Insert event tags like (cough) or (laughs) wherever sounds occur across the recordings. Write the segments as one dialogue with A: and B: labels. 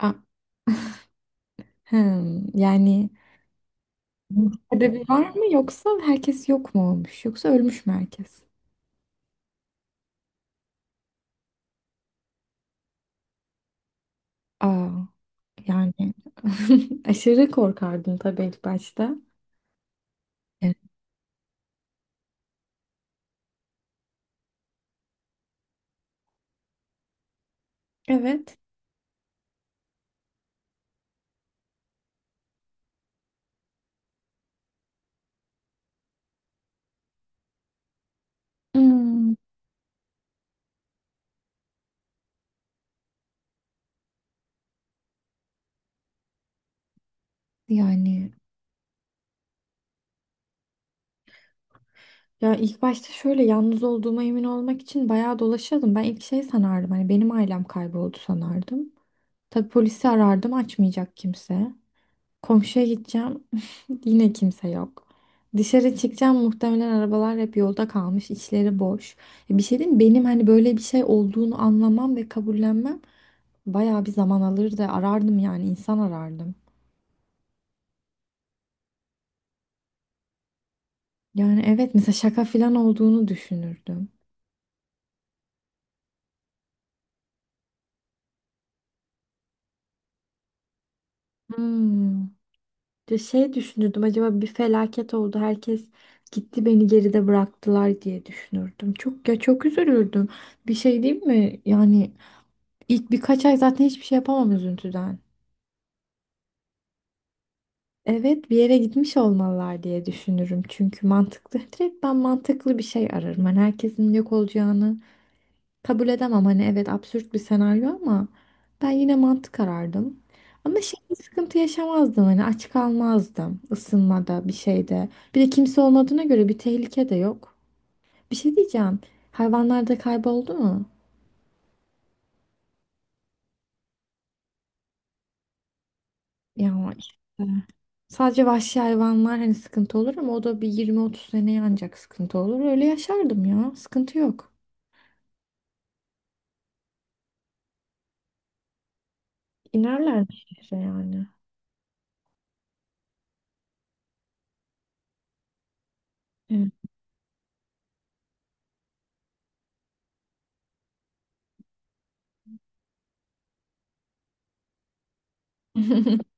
A: A- yani bunun sebebi var mı yoksa herkes yok mu olmuş yoksa ölmüş mü herkes? Aa, yani (laughs) aşırı korkardım tabii ilk başta. Evet. Evet. Hmm, yani ya ilk başta şöyle yalnız olduğuma emin olmak için bayağı dolaşıyordum. Ben ilk şey sanardım hani benim ailem kayboldu sanardım. Tabii polisi arardım açmayacak kimse. Komşuya gideceğim. Yine kimse yok. Dışarı çıkacağım muhtemelen arabalar hep yolda kalmış, içleri boş. Ya bir şey diyeyim mi? Benim hani böyle bir şey olduğunu anlamam ve kabullenmem bayağı bir zaman alırdı. Arardım yani insan arardım. Yani evet mesela şaka falan olduğunu düşünürdüm. Hmm. Ya şey düşünürdüm acaba bir felaket oldu herkes gitti beni geride bıraktılar diye düşünürdüm. Çok ya çok üzülürdüm. Bir şey değil mi? Yani ilk birkaç ay zaten hiçbir şey yapamam üzüntüden. Evet bir yere gitmiş olmalılar diye düşünürüm. Çünkü mantıklı. Direkt ben mantıklı bir şey ararım. Hani herkesin yok olacağını kabul edemem. Hani evet absürt bir senaryo ama ben yine mantık arardım. Ama şey bir sıkıntı yaşamazdım. Hani aç kalmazdım ısınmada bir şeyde. Bir de kimse olmadığına göre bir tehlike de yok. Bir şey diyeceğim. Hayvanlar da kayboldu mu? Ya işte. Sadece vahşi hayvanlar hani sıkıntı olur ama o da bir 20-30 seneye ancak sıkıntı olur. Öyle yaşardım ya. Sıkıntı yok. İnerler bir şehre yani. Evet. (laughs)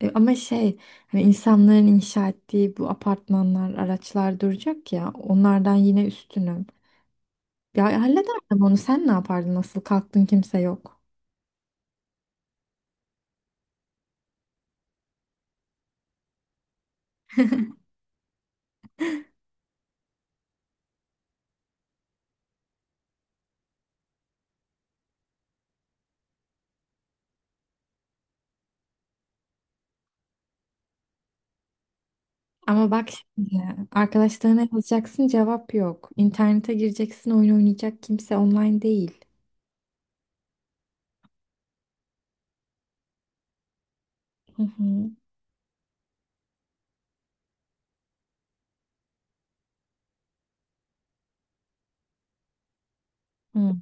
A: E, ama şey hani insanların inşa ettiği bu apartmanlar, araçlar duracak ya onlardan yine üstünüm. Ya hallederdim onu sen ne yapardın nasıl kalktın kimse yok. Ama bak şimdi arkadaşlarına yazacaksın cevap yok. İnternete gireceksin oyun oynayacak kimse online değil. Hı hı. Hı.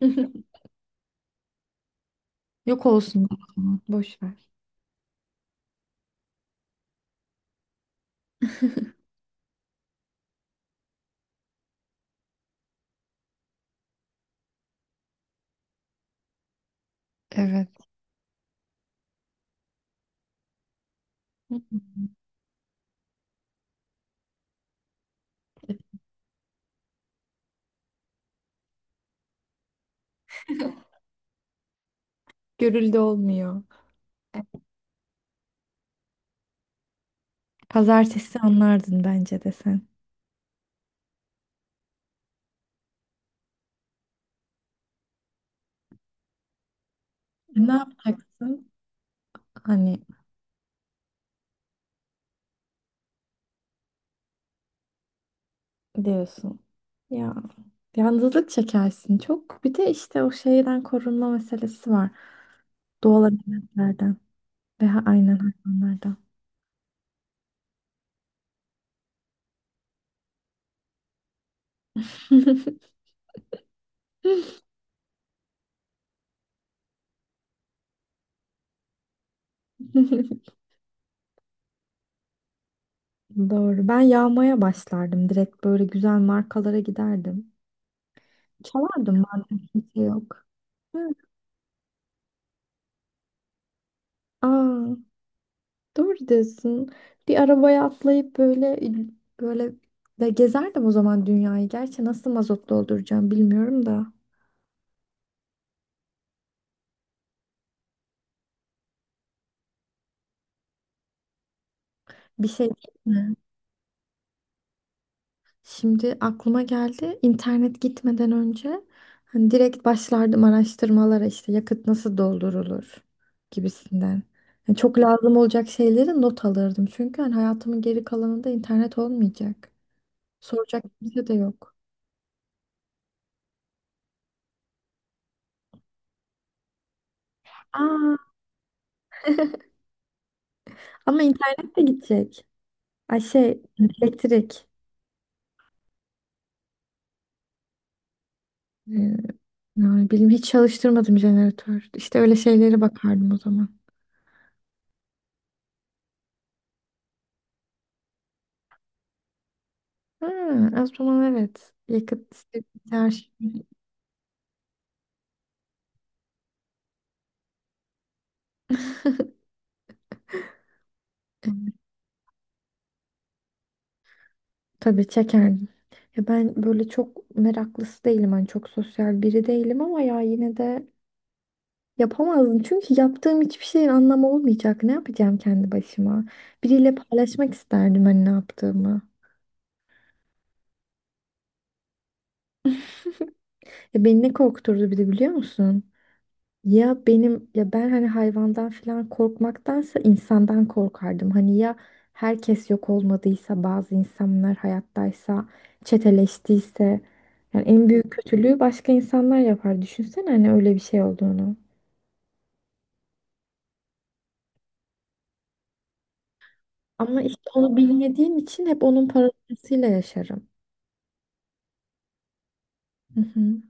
A: (laughs) Yok olsun o zaman, boş ver. Evet. (laughs) Hı hı. Görüldü olmuyor. Pazartesi anlardın bence de sen. Ne yapacaksın? Hani diyorsun. Ya yalnızlık çekersin çok. Bir de işte o şeyden korunma meselesi var. Doğal elementlerden veya aynen hayvanlardan. (laughs) Doğru. Ben yağmaya başlardım. Direkt böyle güzel markalara giderdim. Çalardım madem kimse yok. Hı. Aa, doğru diyorsun. Bir arabaya atlayıp böyle de gezerdim o zaman dünyayı. Gerçi nasıl mazot dolduracağım bilmiyorum da. Bir şey değil mi? Şimdi aklıma geldi. İnternet gitmeden önce hani direkt başlardım araştırmalara işte yakıt nasıl doldurulur gibisinden. Yani çok lazım olacak şeyleri not alırdım. Çünkü hani hayatımın geri kalanında internet olmayacak. Soracak kimse de yok. Aa, ama internet de gidecek. Ay şey elektrik. Ee, yani bilmiyorum hiç çalıştırmadım jeneratör. İşte öyle şeylere bakardım o zaman. Ha, o zaman evet. Yakıt, işte, her şey. (laughs) Tabii çekerdim. Ya ben böyle çok meraklısı değilim. Hani çok sosyal biri değilim ama ya yine de yapamazdım. Çünkü yaptığım hiçbir şeyin anlamı olmayacak. Ne yapacağım kendi başıma? Biriyle paylaşmak isterdim hani ne yaptığımı. Ya beni ne korkuturdu bir de biliyor musun? Ya benim ben hani hayvandan falan korkmaktansa insandan korkardım. Hani ya herkes yok olmadıysa bazı insanlar hayattaysa çeteleştiyse yani en büyük kötülüğü başka insanlar yapar. Düşünsene hani öyle bir şey olduğunu. Ama işte onu bilmediğim için hep onun parasıyla yaşarım. Hı hı.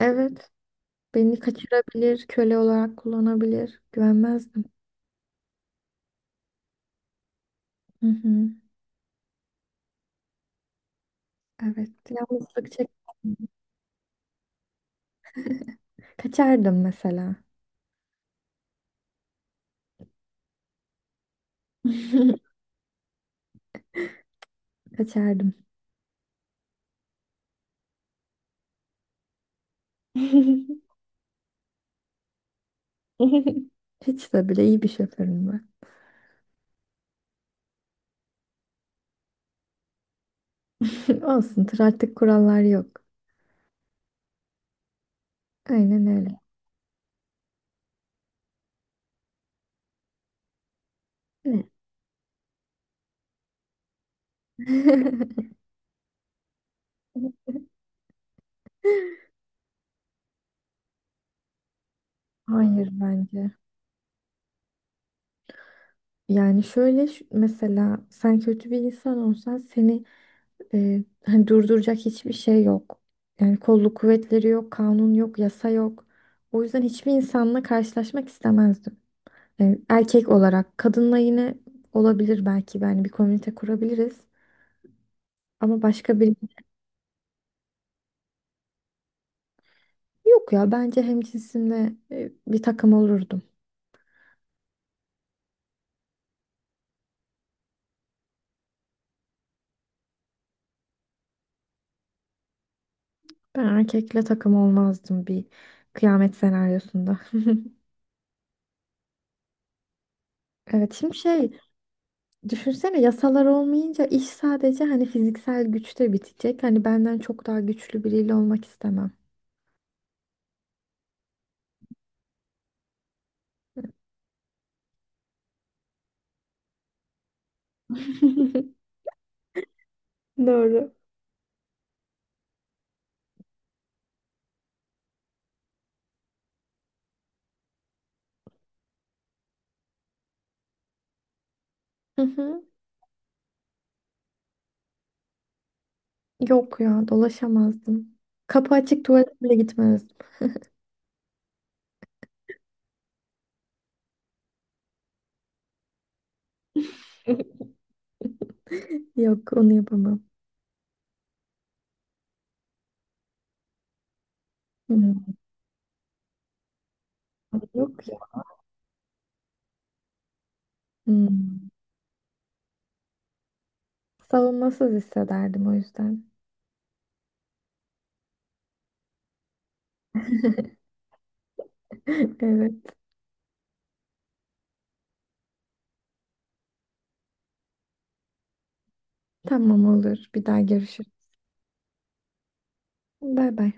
A: Evet, beni kaçırabilir, köle olarak kullanabilir. Güvenmezdim. Hı hı. Evet, yalnızlık çek. Kaçardım mesela. (laughs) Kaçardım. (laughs) Hiç de bile iyi bir şoförüm var. (laughs) Olsun, trafik kurallar yok. Aynen öyle. Ne? (laughs) Hayır bence. Yani şöyle şu- mesela sen kötü bir insan olsan seni hani durduracak hiçbir şey yok. Yani kolluk kuvvetleri yok, kanun yok, yasa yok. O yüzden hiçbir insanla karşılaşmak istemezdim. Yani erkek olarak kadınla yine olabilir belki yani bir komünite kurabiliriz. Ama başka yok ya bence hemcinsimle bir takım olurdum. Ben erkekle takım olmazdım bir kıyamet senaryosunda. Evet şimdi şey düşünsene yasalar olmayınca iş sadece hani fiziksel güçte bitecek. Hani benden çok daha güçlü biriyle olmak istemem. (laughs) Doğru. Hı hı. Yok ya dolaşamazdım. Kapı açık tuvalete bile gitmezdim. (laughs) Yok onu yapamam. Hmm, yok ya. Hmm. Savunmasız hissederdim o yüzden. (laughs) Evet tamam olur bir daha görüşürüz. Bay bay.